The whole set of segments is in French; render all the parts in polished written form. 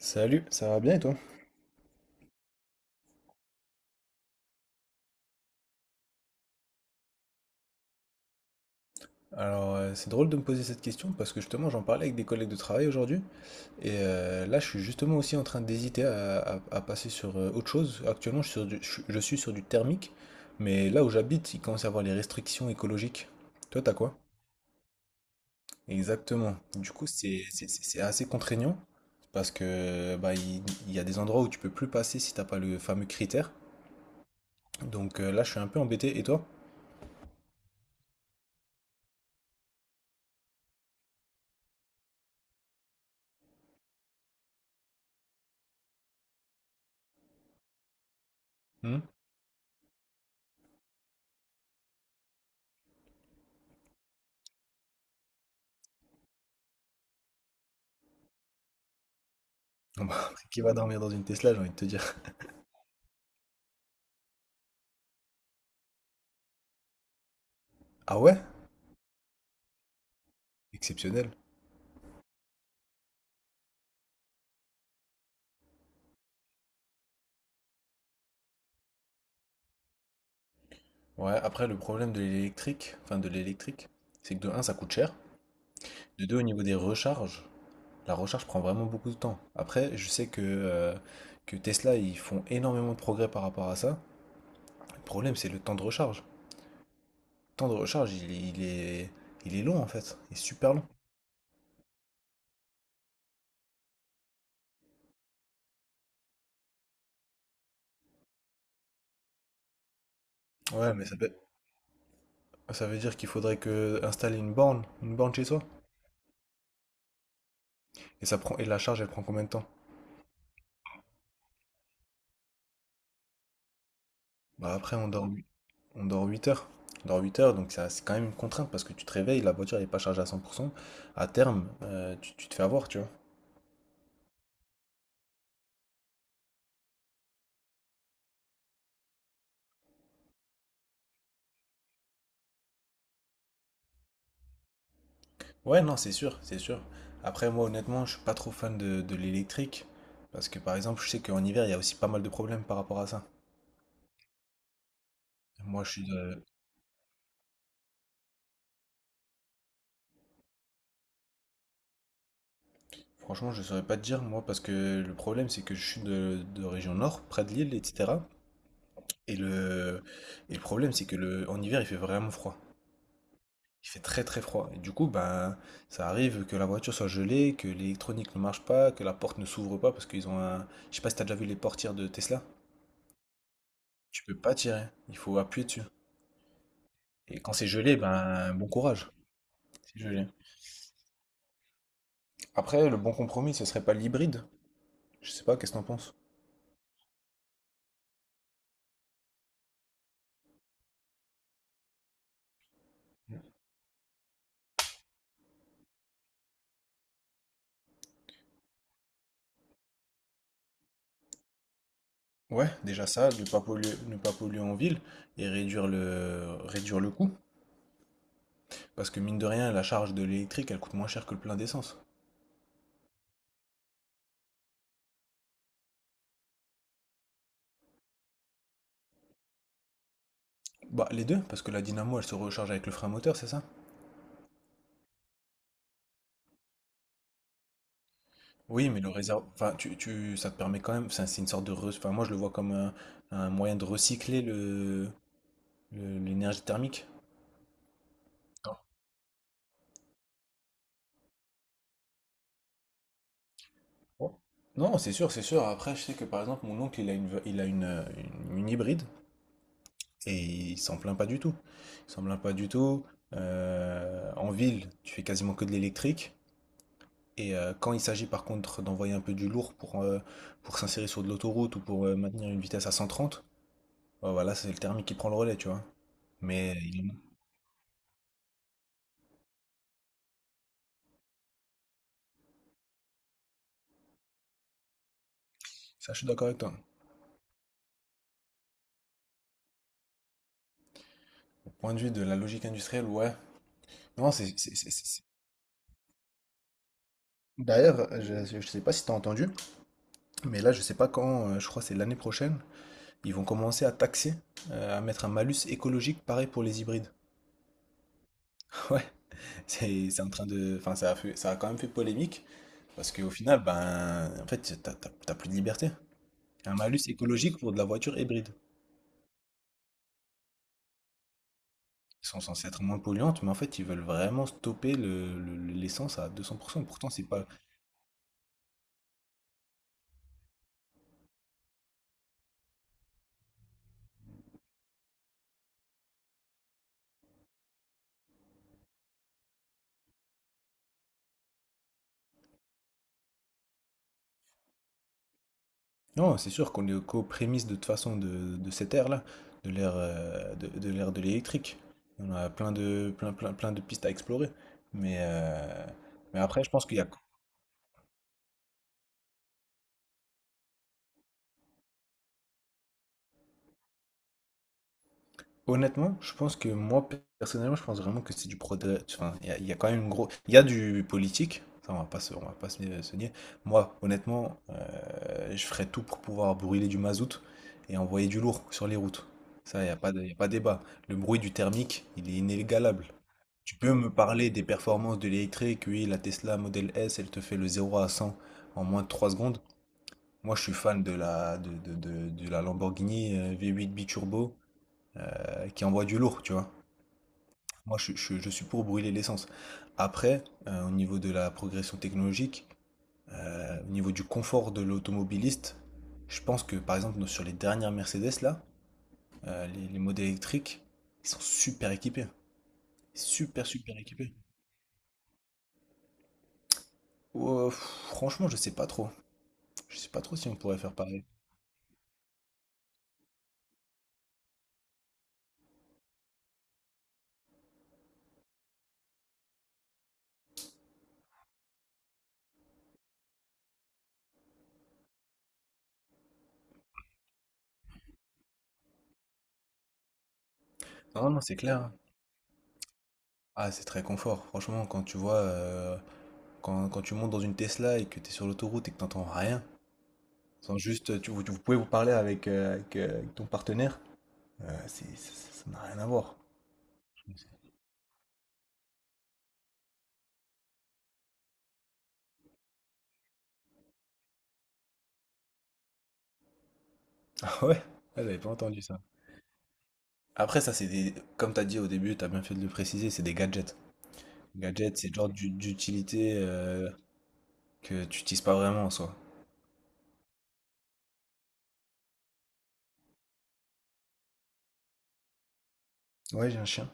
Salut, ça va bien et toi? Alors, c'est drôle de me poser cette question parce que justement, j'en parlais avec des collègues de travail aujourd'hui et là, je suis justement aussi en train d'hésiter à passer sur autre chose. Actuellement, je suis sur du thermique, mais là où j'habite, il commence à y avoir les restrictions écologiques. Toi, t'as quoi? Exactement. Du coup, c'est assez contraignant parce que bah, il y a des endroits où tu peux plus passer si t'as pas le fameux critère. Donc là, je suis un peu embêté. Et toi? Hmm. Bah, qui va dormir dans une Tesla, j'ai envie de te dire. Ah ouais? Exceptionnel. Ouais, après le problème de l'électrique, enfin de l'électrique, c'est que de un ça coûte cher, de 2 au niveau des recharges, la recharge prend vraiment beaucoup de temps. Après, je sais que Tesla ils font énormément de progrès par rapport à ça. Le problème c'est le temps de recharge. Le temps de recharge il est long en fait, il est super long. Ouais, mais ça veut dire qu'il faudrait que installer une borne chez soi. Et la charge elle prend combien de temps? Bah après on dort. On dort 8 heures. On dort 8 heures, donc c'est quand même une contrainte parce que tu te réveilles, la voiture n'est pas chargée à 100%. À terme, tu te fais avoir, tu vois. Ouais, non, c'est sûr, c'est sûr. Après, moi, honnêtement, je suis pas trop fan de l'électrique parce que, par exemple, je sais qu'en hiver, il y a aussi pas mal de problèmes par rapport à ça. Moi, je suis de... Franchement, je saurais pas te dire, moi, parce que le problème, c'est que je suis de région nord, près de Lille, etc. Et le, et le problème, c'est que en hiver, il fait vraiment froid. Il fait très très froid. Et du coup, ben, ça arrive que la voiture soit gelée, que l'électronique ne marche pas, que la porte ne s'ouvre pas parce qu'ils ont un. Je sais pas si t'as déjà vu les portières de Tesla. Tu peux pas tirer. Il faut appuyer dessus. Et quand c'est gelé, ben, bon courage. C'est gelé. Après, le bon compromis, ce serait pas l'hybride. Je sais pas, qu'est-ce que t'en penses? Ouais, déjà ça, ne pas polluer, ne pas polluer en ville et réduire le coût. Parce que mine de rien, la charge de l'électrique, elle coûte moins cher que le plein d'essence. Bah, les deux, parce que la dynamo, elle se recharge avec le frein moteur, c'est ça? Oui, mais le réservoir, enfin, ça te permet quand même, enfin, c'est une sorte enfin, moi je le vois comme un moyen de recycler l'énergie thermique. Non, non, c'est sûr, c'est sûr. Après, je sais que par exemple, mon oncle, il a une, une hybride et il s'en plaint pas du tout. Il s'en plaint pas du tout. En ville, tu fais quasiment que de l'électrique. Et quand il s'agit par contre d'envoyer un peu du lourd pour s'insérer sur de l'autoroute ou pour maintenir une vitesse à 130, bah voilà, c'est le thermique qui prend le relais, tu vois. Mais ça, je suis d'accord avec toi. Au point de vue de la logique industrielle, ouais. Non. D'ailleurs, je ne sais pas si tu as entendu, mais là, je sais pas quand, je crois que c'est l'année prochaine, ils vont commencer à taxer, à mettre un malus écologique pareil pour les hybrides. Ouais, c'est en train de. Enfin, ça a quand même fait polémique, parce qu'au final, ben, en fait, t'as plus de liberté. Un malus écologique pour de la voiture hybride. Ils sont censés être moins polluantes, mais en fait, ils veulent vraiment stopper l'essence à 200%. Pourtant, c'est pas, non, c'est sûr qu'on est qu'aux prémices de toute façon de cette ère-là, de l'ère de l'électrique. On a plein de pistes à explorer. Mais euh, mais après, je pense qu'il y a honnêtement, je pense que moi personnellement, je pense vraiment que c'est du progrès. Enfin, il y a quand même il y a du politique. Ça, on va pas se, on va pas se, se nier. Moi, honnêtement, je ferais tout pour pouvoir brûler du mazout et envoyer du lourd sur les routes. Ça, il n'y a pas de, y a pas débat. Le bruit du thermique, il est inégalable. Tu peux me parler des performances de l'électrique? Oui, la Tesla Model S, elle te fait le 0 à 100 en moins de 3 secondes. Moi, je suis fan de la Lamborghini V8 Biturbo qui envoie du lourd, tu vois. Moi, je suis pour brûler l'essence. Après, au niveau de la progression technologique, au niveau du confort de l'automobiliste, je pense que, par exemple, sur les dernières Mercedes, là, les modèles électriques, ils sont super équipés. Super, super équipés. Ouais, pff, franchement, je sais pas trop. Je sais pas trop si on pourrait faire pareil. Non, non, c'est clair. Ah, c'est très confort. Franchement, quand tu vois, quand tu montes dans une Tesla et que tu es sur l'autoroute et que t'entends rien, sans juste, vous pouvez vous parler avec ton partenaire, ça n'a rien à voir. Ah ouais? Ah, j'avais pas entendu ça. Après, ça, c'est des, comme t'as dit au début, t'as bien fait de le préciser, c'est des gadgets. Gadgets, c'est le genre d'utilité que tu utilises pas vraiment en soi. Ouais, j'ai un chien.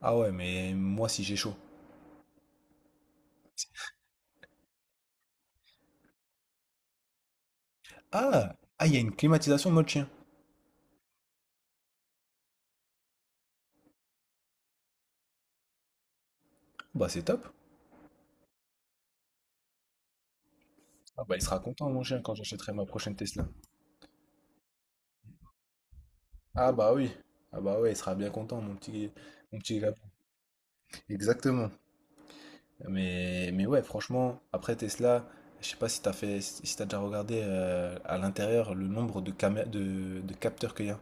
Ah ouais, mais moi, si j'ai chaud. Ah! Ah, il y a une climatisation mode chien. Bah c'est top. Ah bah il sera content mon chien quand j'achèterai ma prochaine Tesla. Ah bah oui. Ah bah ouais, il sera bien content mon petit gars. Exactement. Mais ouais, franchement, après Tesla, je sais pas si t'as déjà regardé à l'intérieur le nombre de capteurs qu'il y a.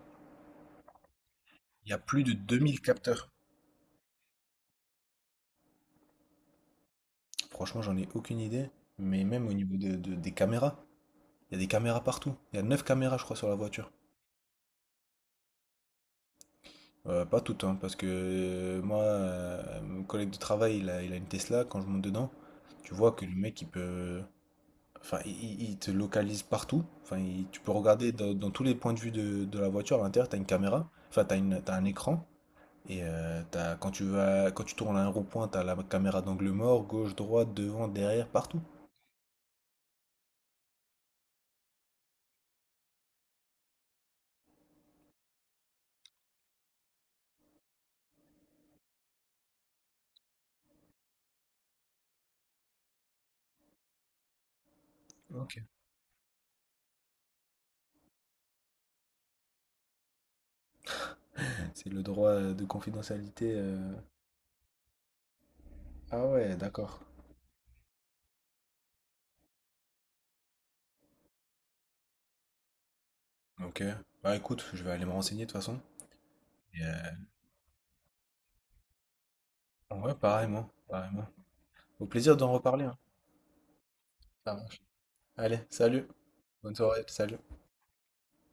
Il y a plus de 2 000 capteurs. Franchement, j'en ai aucune idée, mais même au niveau des caméras, il y a des caméras partout. Il y a 9 caméras je crois sur la voiture. Pas tout hein, parce que moi, mon collègue de travail, il a une Tesla. Quand je monte dedans, tu vois que le mec, il peut. Enfin, il te localise partout. Enfin, tu peux regarder dans tous les points de vue de la voiture. À l'intérieur, t'as une caméra. Enfin, t'as un écran. Et quand tu tournes à un rond-point, t'as la caméra d'angle mort, gauche, droite, devant, derrière, partout. Ok. C'est le droit de confidentialité. Ah ouais, d'accord. Ok. Bah écoute, je vais aller me renseigner de toute façon. Et, ouais, pareillement, pareillement. Au plaisir d'en reparler, hein. Ça marche. Allez, salut. Bonne soirée, salut.